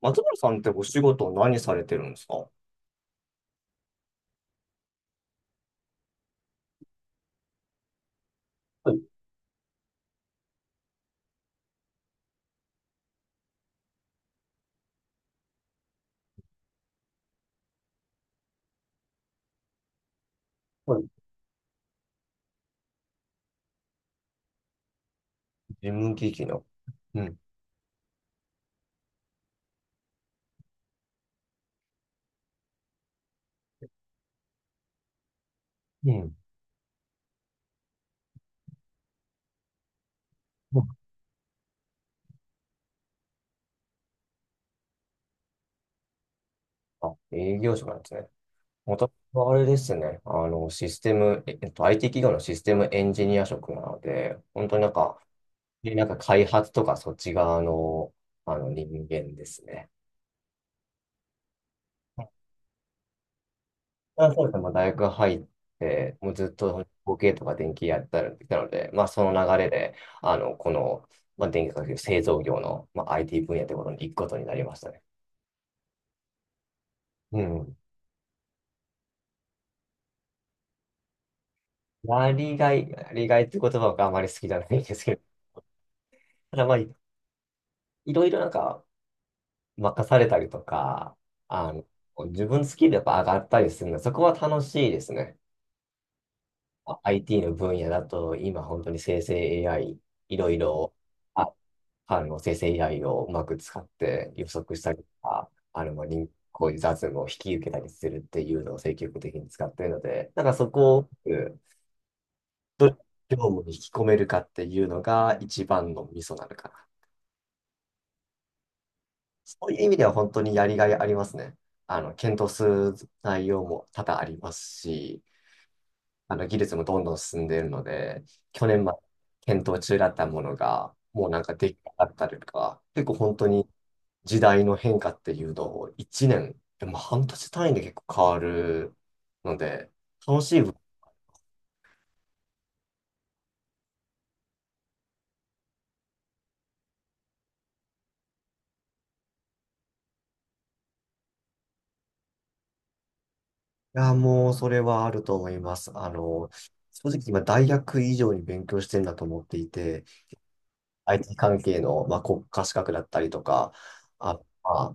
松原さんってお仕事何されてるんですか事。はい、はい。務機器の。うん。うん。あ、営業職なんですね。私はあれですね。あの、システム、IT 企業のシステムエンジニア職なので、本当になんか、でなんか開発とかそっち側の、あの人間ですね。あ、そうですね。まあ、大学入って、もうずっと模型とか電気やってたので、まあ、その流れで、あの、この、まあ、電気化学製造業の、まあ、IT 分野ってことに行くことになりましたね。うん。まあ、利害、利害って言葉があまり好きじゃないんですけど、ただまあ、いろいろなんか任されたりとか、あの、自分好きでやっぱ上がったりするので、そこは楽しいですね。あ、 IT の分野だと、今本当に生成 AI、いろいろ、あ、あの、生成 AI をうまく使って予測したりとか、あの、まあ、人こういう雑務を引き受けたりするっていうのを積極的に使っているので、なんかそこを、どれを業務に引き込めるかっていうのが一番のミソなのかな。そういう意味では本当にやりがいありますね。あの、検討する内容も多々ありますし、あの、技術もどんどん進んでいるので、去年まで検討中だったものが、もうなんかできなかったりとか、結構本当に時代の変化っていうのを1年、でも半年単位で結構変わるので、楽しい。いや、もう、それはあると思います。あの、正直今、大学以上に勉強してるんだと思っていて、IT 関係の、まあ、国家資格だったりとか、あ、まあ、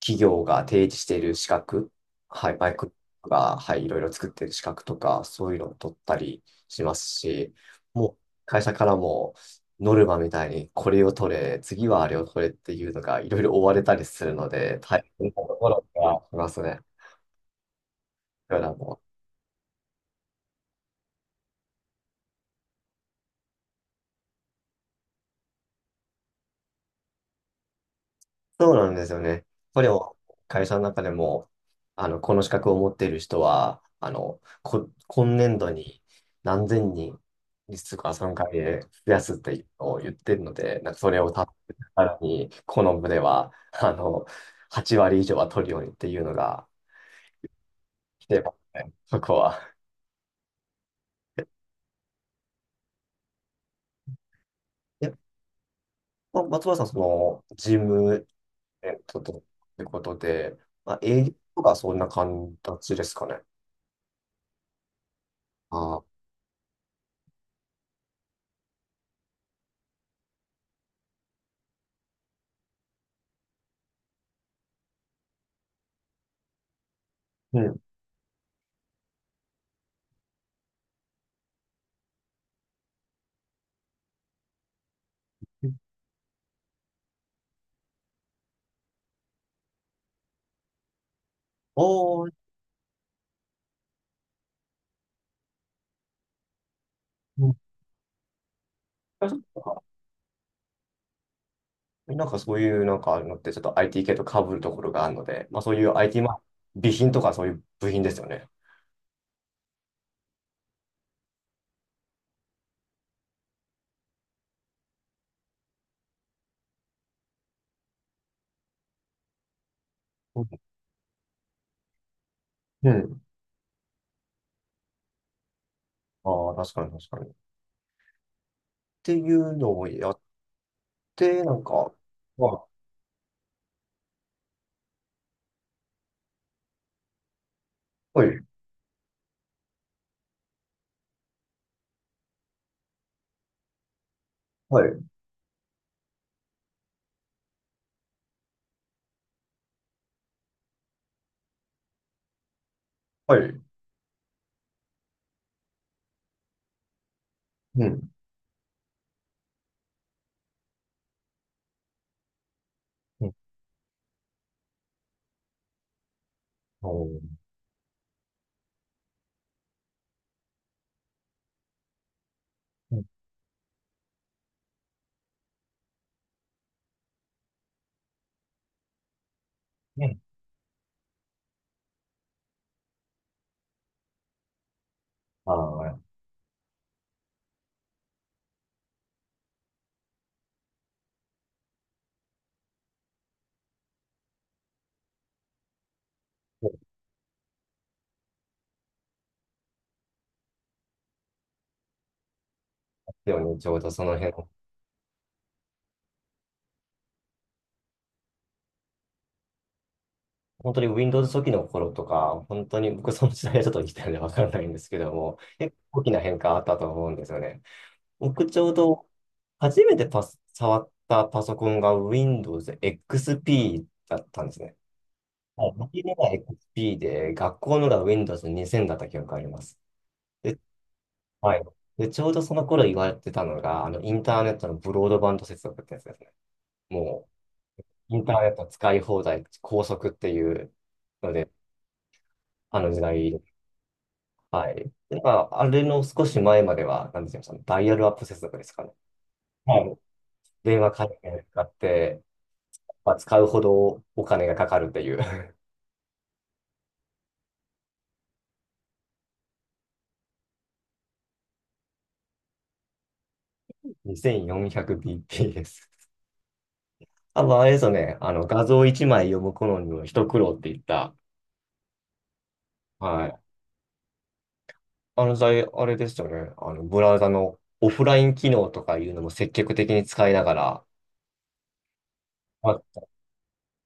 企業が提示している資格、はい、バイクが、はい、いろいろ作っている資格とか、そういうのを取ったりしますし、もう、会社からも、ノルマみたいに、これを取れ、次はあれを取れっていうのが、いろいろ追われたりするので、大変なところがありますね。だからもう、そうなんですよね。これを会社の中でも、あの、この資格を持っている人は、あの、こ、今年度に何千人、実は3回で増やすってを言ってるので、なんかそれを達成しらに、この部では、あの、8割以上は取るようにっていうのが来てますね、そこは。え、松原さん、その、事務、えっと、ということで、まあ、営業とかそんな形ですかね。ああ、うん。おー、あ、そうか。なんかそういうなんかあるのってちょっと IT 系と被るところがあるので、まあそういう IT、まあ、備品とかそういう部品ですよね。うん、うん。ああ、確かに確かに。っていうのをやって、なんか、あ、はい、はい、はい。うん。うん。おー。うん、ね。ああ、そうですよね。ちょうどその辺。本当に Windows 初期の頃とか、本当に僕その時代はちょっと生きてるんでわからないんですけども、結構大きな変化あったと思うんですよね。僕ちょうど初めて触ったパソコンが Windows XP だったんですね。はい、僕のが XP で、学校のが Windows 2000だった記憶があります。で、はい。で、ちょうどその頃言われてたのが、あの、インターネットのブロードバンド接続ってやつですね。もう、インターネット使い放題、高速っていうので、あの時代。はい。で、まあ、あれの少し前までは、なんて言うダイヤルアップ接続ですかね。はい。電話回線使って、まあ、使うほどお金がかかるっていう 2400bp です。あとあれですよね、あの画像1枚読む頃にも一苦労って言った、はい。あの際、あれですよね、あのブラウザのオフライン機能とかいうのも積極的に使いながら、はい。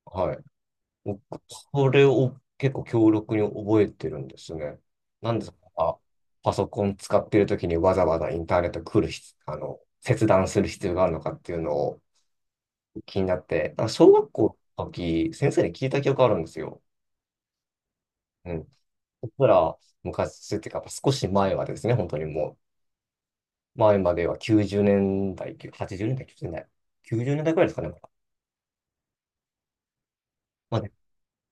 はい、僕それを結構強力に覚えてるんですね。なんですか、パソコン使ってる時にわざわざインターネット来る必、あの、切断する必要があるのかっていうのを、気になって、なんか小学校の時、先生に聞いた記憶あるんですよ。うん。僕ら昔っていうか、少し前はですね、本当にもう、前までは90年代、80年代、90年代、90年代くらいですかね、まだ。まあ、ね、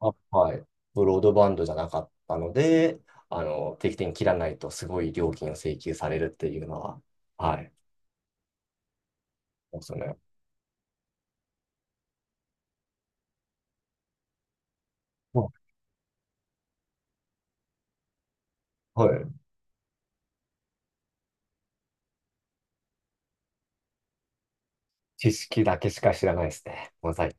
あ、はい。ブロードバンドじゃなかったので、あの、定期的に切らないとすごい料金を請求されるっていうのは、はい。そうですよね。もう、はい。知識だけしか知らないですね。ごめんなさい。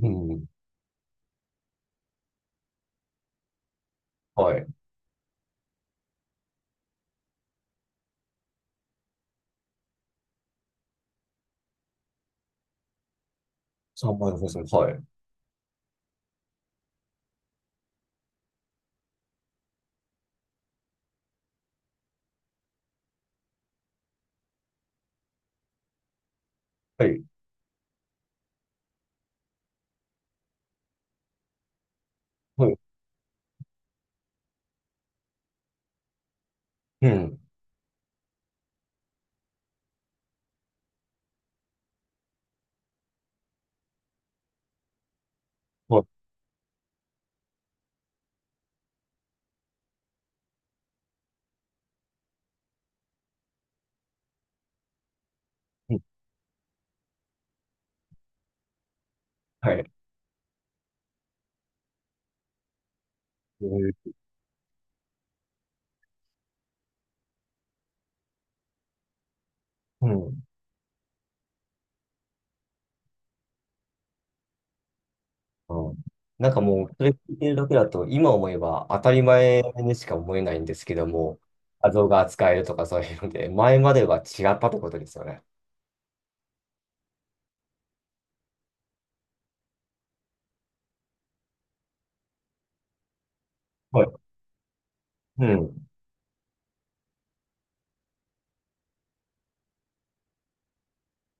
うん。はい。3円ですね。はい。はい。はい。うん。はい。はい。ーうん。うん。なんかもう、それ聞いてるだけだと、今思えば当たり前にしか思えないんですけども、画像が扱えるとかそういうので、前までは違ったってことですよね。はい。うん。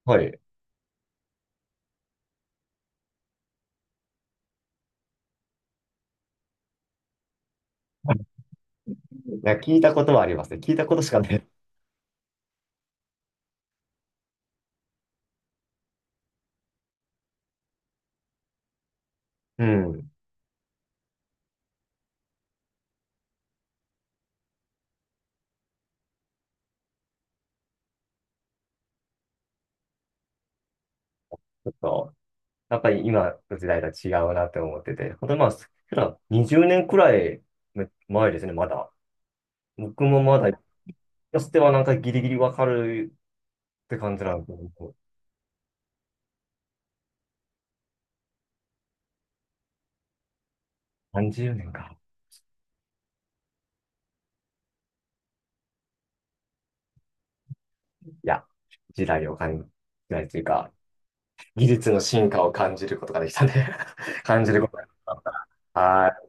はい。なんか聞いたことはありますね。聞いたことしかない。うん。ちょっと、やっぱり今の時代とは違うなって思ってて、ほんとまあ、普段20年くらい前ですね、まだ。僕もまだ、やつてはなんかギリギリわかるって感じなんですけど、30年か。いや、時代を感じないというか、技術の進化を感じることができたね、 感じることができた。はい。